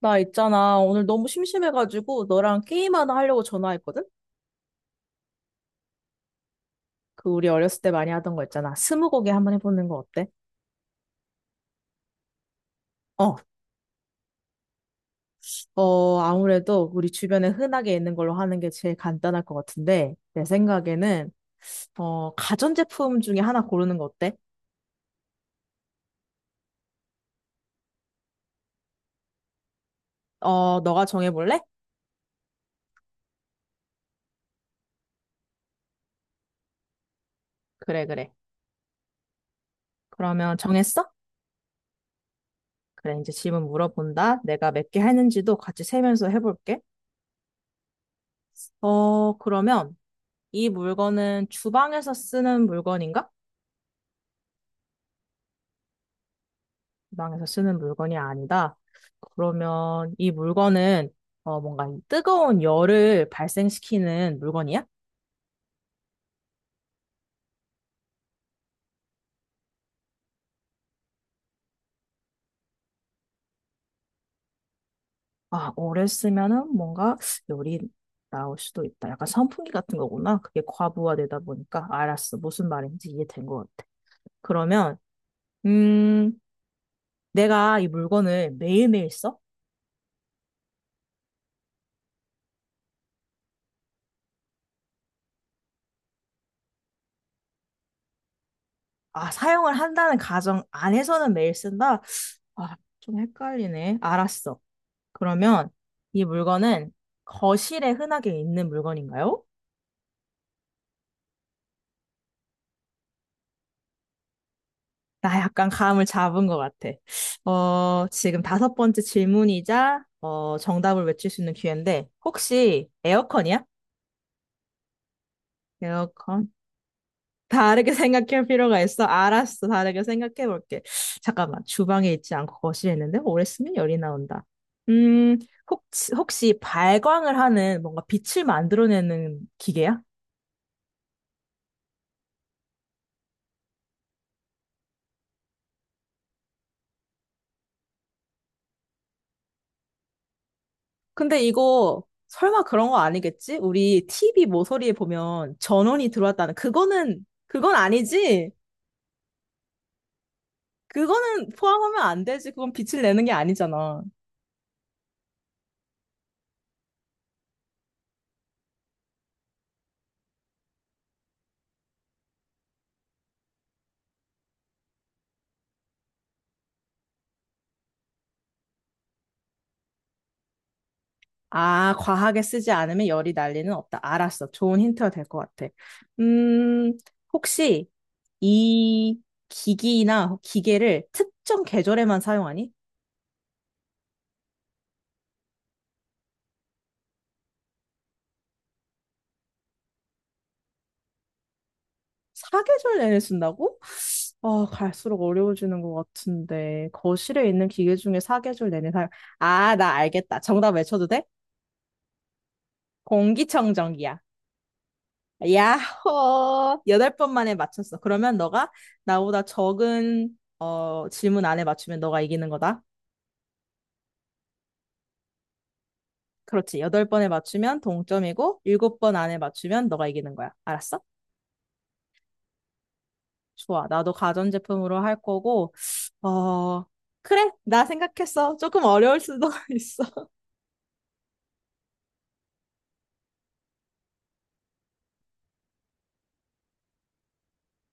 나 있잖아. 오늘 너무 심심해가지고 너랑 게임 하나 하려고 전화했거든? 그 우리 어렸을 때 많이 하던 거 있잖아. 스무고개 한번 해보는 거 어때? 어, 아무래도 우리 주변에 흔하게 있는 걸로 하는 게 제일 간단할 것 같은데, 내 생각에는, 가전제품 중에 하나 고르는 거 어때? 너가 정해볼래? 그래, 그래. 그러면 정했어? 그래, 이제 질문 물어본다. 내가 몇 개 했는지도 같이 세면서 해볼게. 그러면 이 물건은 주방에서 쓰는 물건인가? 주방에서 쓰는 물건이 아니다. 그러면 이 물건은 뭔가 이 뜨거운 열을 발생시키는 물건이야? 아, 오래 쓰면은 뭔가 열이 나올 수도 있다. 약간 선풍기 같은 거구나. 그게 과부하되다 보니까. 알았어. 무슨 말인지 이해된 것 같아. 그러면, 음, 내가 이 물건을 매일매일 써? 아, 사용을 한다는 가정 안에서는 매일 쓴다? 아, 좀 헷갈리네. 알았어. 그러면 이 물건은 거실에 흔하게 있는 물건인가요? 나 약간 감을 잡은 것 같아. 지금 다섯 번째 질문이자 정답을 외칠 수 있는 기회인데 혹시 에어컨이야? 에어컨? 다르게 생각할 필요가 있어. 알았어. 다르게 생각해 볼게. 잠깐만. 주방에 있지 않고 거실에 있는데 오래 쓰면 열이 나온다. 음, 혹시 발광을 하는 뭔가 빛을 만들어내는 기계야? 근데 이거 설마 그런 거 아니겠지? 우리 TV 모서리에 보면 전원이 들어왔다는 그거는 그건 아니지. 그거는 포함하면 안 되지. 그건 빛을 내는 게 아니잖아. 아, 과하게 쓰지 않으면 열이 날 리는 없다. 알았어. 좋은 힌트가 될 것 같아. 음, 혹시 이 기기나 기계를 특정 계절에만 사용하니? 사계절 내내 쓴다고? 아, 갈수록 어려워지는 것 같은데. 거실에 있는 기계 중에 사계절 내내 사 아, 나 알겠다. 정답 외쳐도 돼? 공기청정기야. 야호! 여덟 번 만에 맞췄어. 그러면 너가 나보다 적은 질문 안에 맞추면 너가 이기는 거다. 그렇지. 여덟 번에 맞추면 동점이고, 일곱 번 안에 맞추면 너가 이기는 거야. 알았어? 좋아. 나도 가전제품으로 할 거고, 어, 그래. 나 생각했어. 조금 어려울 수도 있어.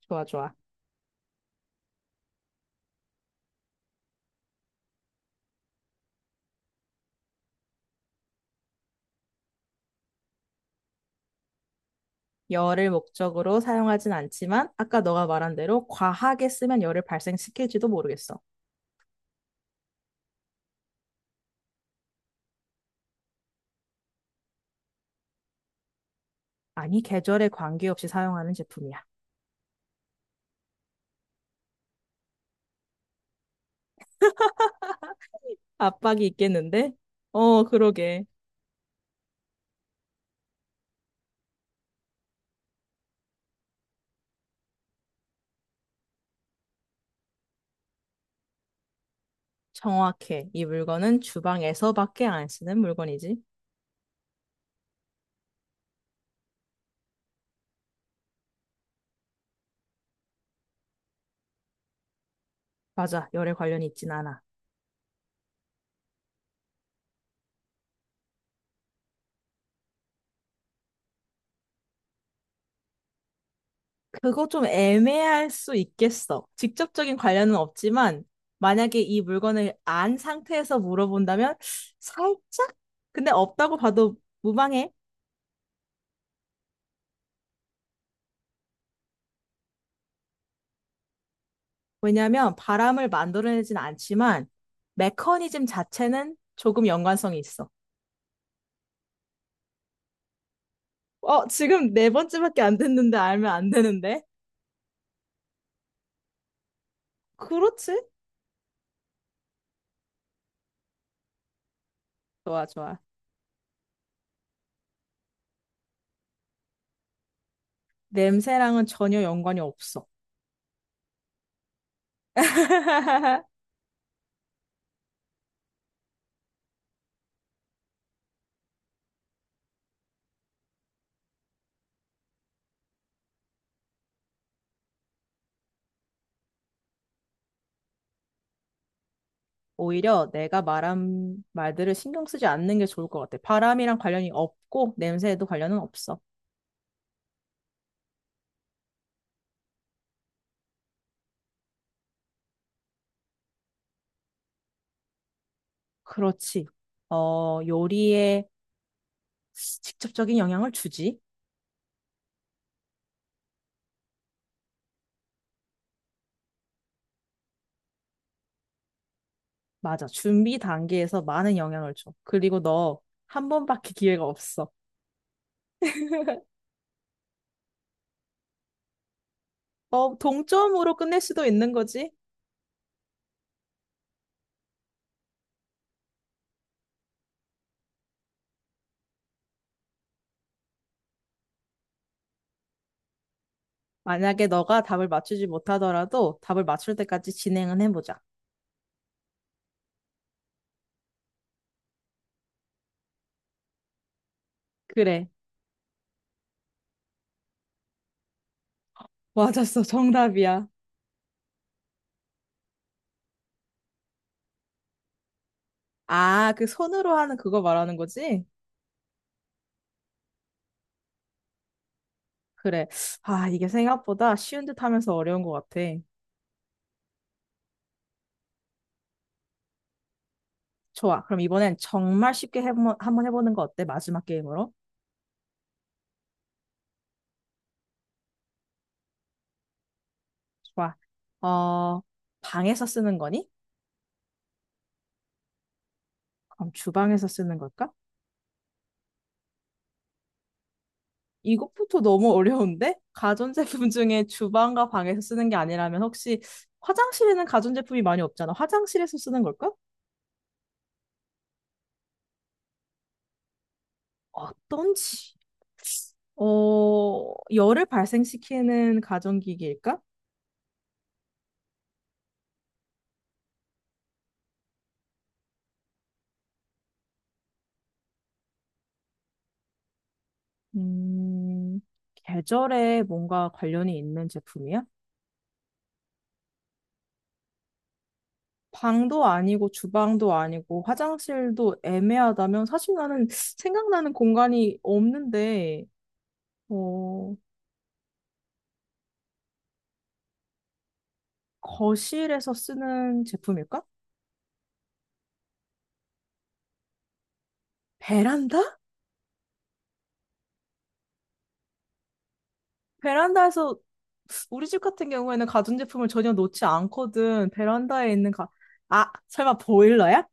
좋아, 좋아. 열을 목적으로 사용하진 않지만 아까 너가 말한 대로 과하게 쓰면 열을 발생시킬지도 모르겠어. 아니, 계절에 관계없이 사용하는 제품이야. 압박이 있겠는데? 그러게. 정확해. 이 물건은 주방에서밖에 안 쓰는 물건이지. 맞아. 열에 관련이 있진 않아. 그거 좀 애매할 수 있겠어. 직접적인 관련은 없지만 만약에 이 물건을 안 상태에서 물어본다면 살짝? 근데 없다고 봐도 무방해. 왜냐하면 바람을 만들어내진 않지만 메커니즘 자체는 조금 연관성이 있어. 지금 네 번째밖에 안 됐는데 알면 안 되는데? 그렇지? 좋아, 좋아. 냄새랑은 전혀 연관이 없어. 오히려 내가 말한 말들을 신경 쓰지 않는 게 좋을 것 같아. 바람이랑 관련이 없고 냄새에도 관련은 없어. 그렇지. 요리에 직접적인 영향을 주지. 맞아. 준비 단계에서 많은 영향을 줘. 그리고 너 한 번밖에 기회가 없어. 동점으로 끝낼 수도 있는 거지. 만약에 너가 답을 맞추지 못하더라도 답을 맞출 때까지 진행은 해보자. 그래. 맞았어. 정답이야. 아, 그 손으로 하는 그거 말하는 거지? 그래. 아, 이게 생각보다 쉬운 듯 하면서 어려운 것 같아. 좋아. 그럼 이번엔 정말 쉽게 한번 해보는 거 어때? 마지막 게임으로. 좋아. 어, 방에서 쓰는 거니? 그럼 주방에서 쓰는 걸까? 이것부터 너무 어려운데? 가전제품 중에 주방과 방에서 쓰는 게 아니라면 혹시 화장실에는 가전제품이 많이 없잖아. 화장실에서 쓰는 걸까? 어떤지. 열을 발생시키는 가전기기일까? 음, 계절에 뭔가 관련이 있는 제품이야? 방도 아니고 주방도 아니고 화장실도 애매하다면 사실 나는 생각나는 공간이 없는데, 어, 거실에서 쓰는 제품일까? 베란다? 베란다에서 우리 집 같은 경우에는 가전제품을 전혀 놓지 않거든. 베란다에 있는 아, 설마 보일러야?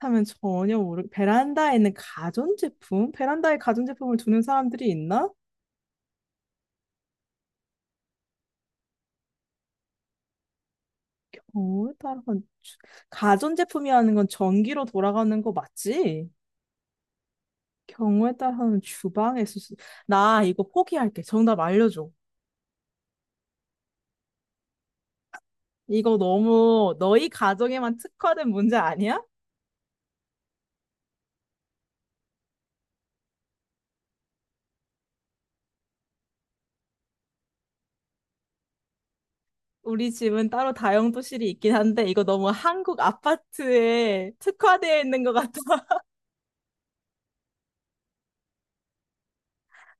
하면 전혀 베란다에 있는 가전제품? 베란다에 가전제품을 두는 사람들이 있나? 어, 따라 주- 가전제품이라는 건 전기로 돌아가는 거 맞지? 경우에 따라서는 나 이거 포기할게. 정답 알려줘. 이거 너무 너희 가정에만 특화된 문제 아니야? 우리 집은 따로 다용도실이 있긴 한데 이거 너무 한국 아파트에 특화되어 있는 것 같아.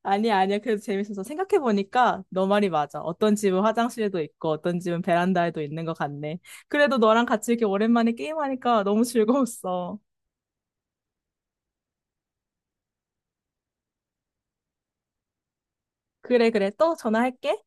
아니야, 아니야. 그래도 재밌어서 생각해보니까 너 말이 맞아. 어떤 집은 화장실에도 있고 어떤 집은 베란다에도 있는 것 같네. 그래도 너랑 같이 이렇게 오랜만에 게임하니까 너무 즐거웠어. 그래, 그래. 또 전화할게.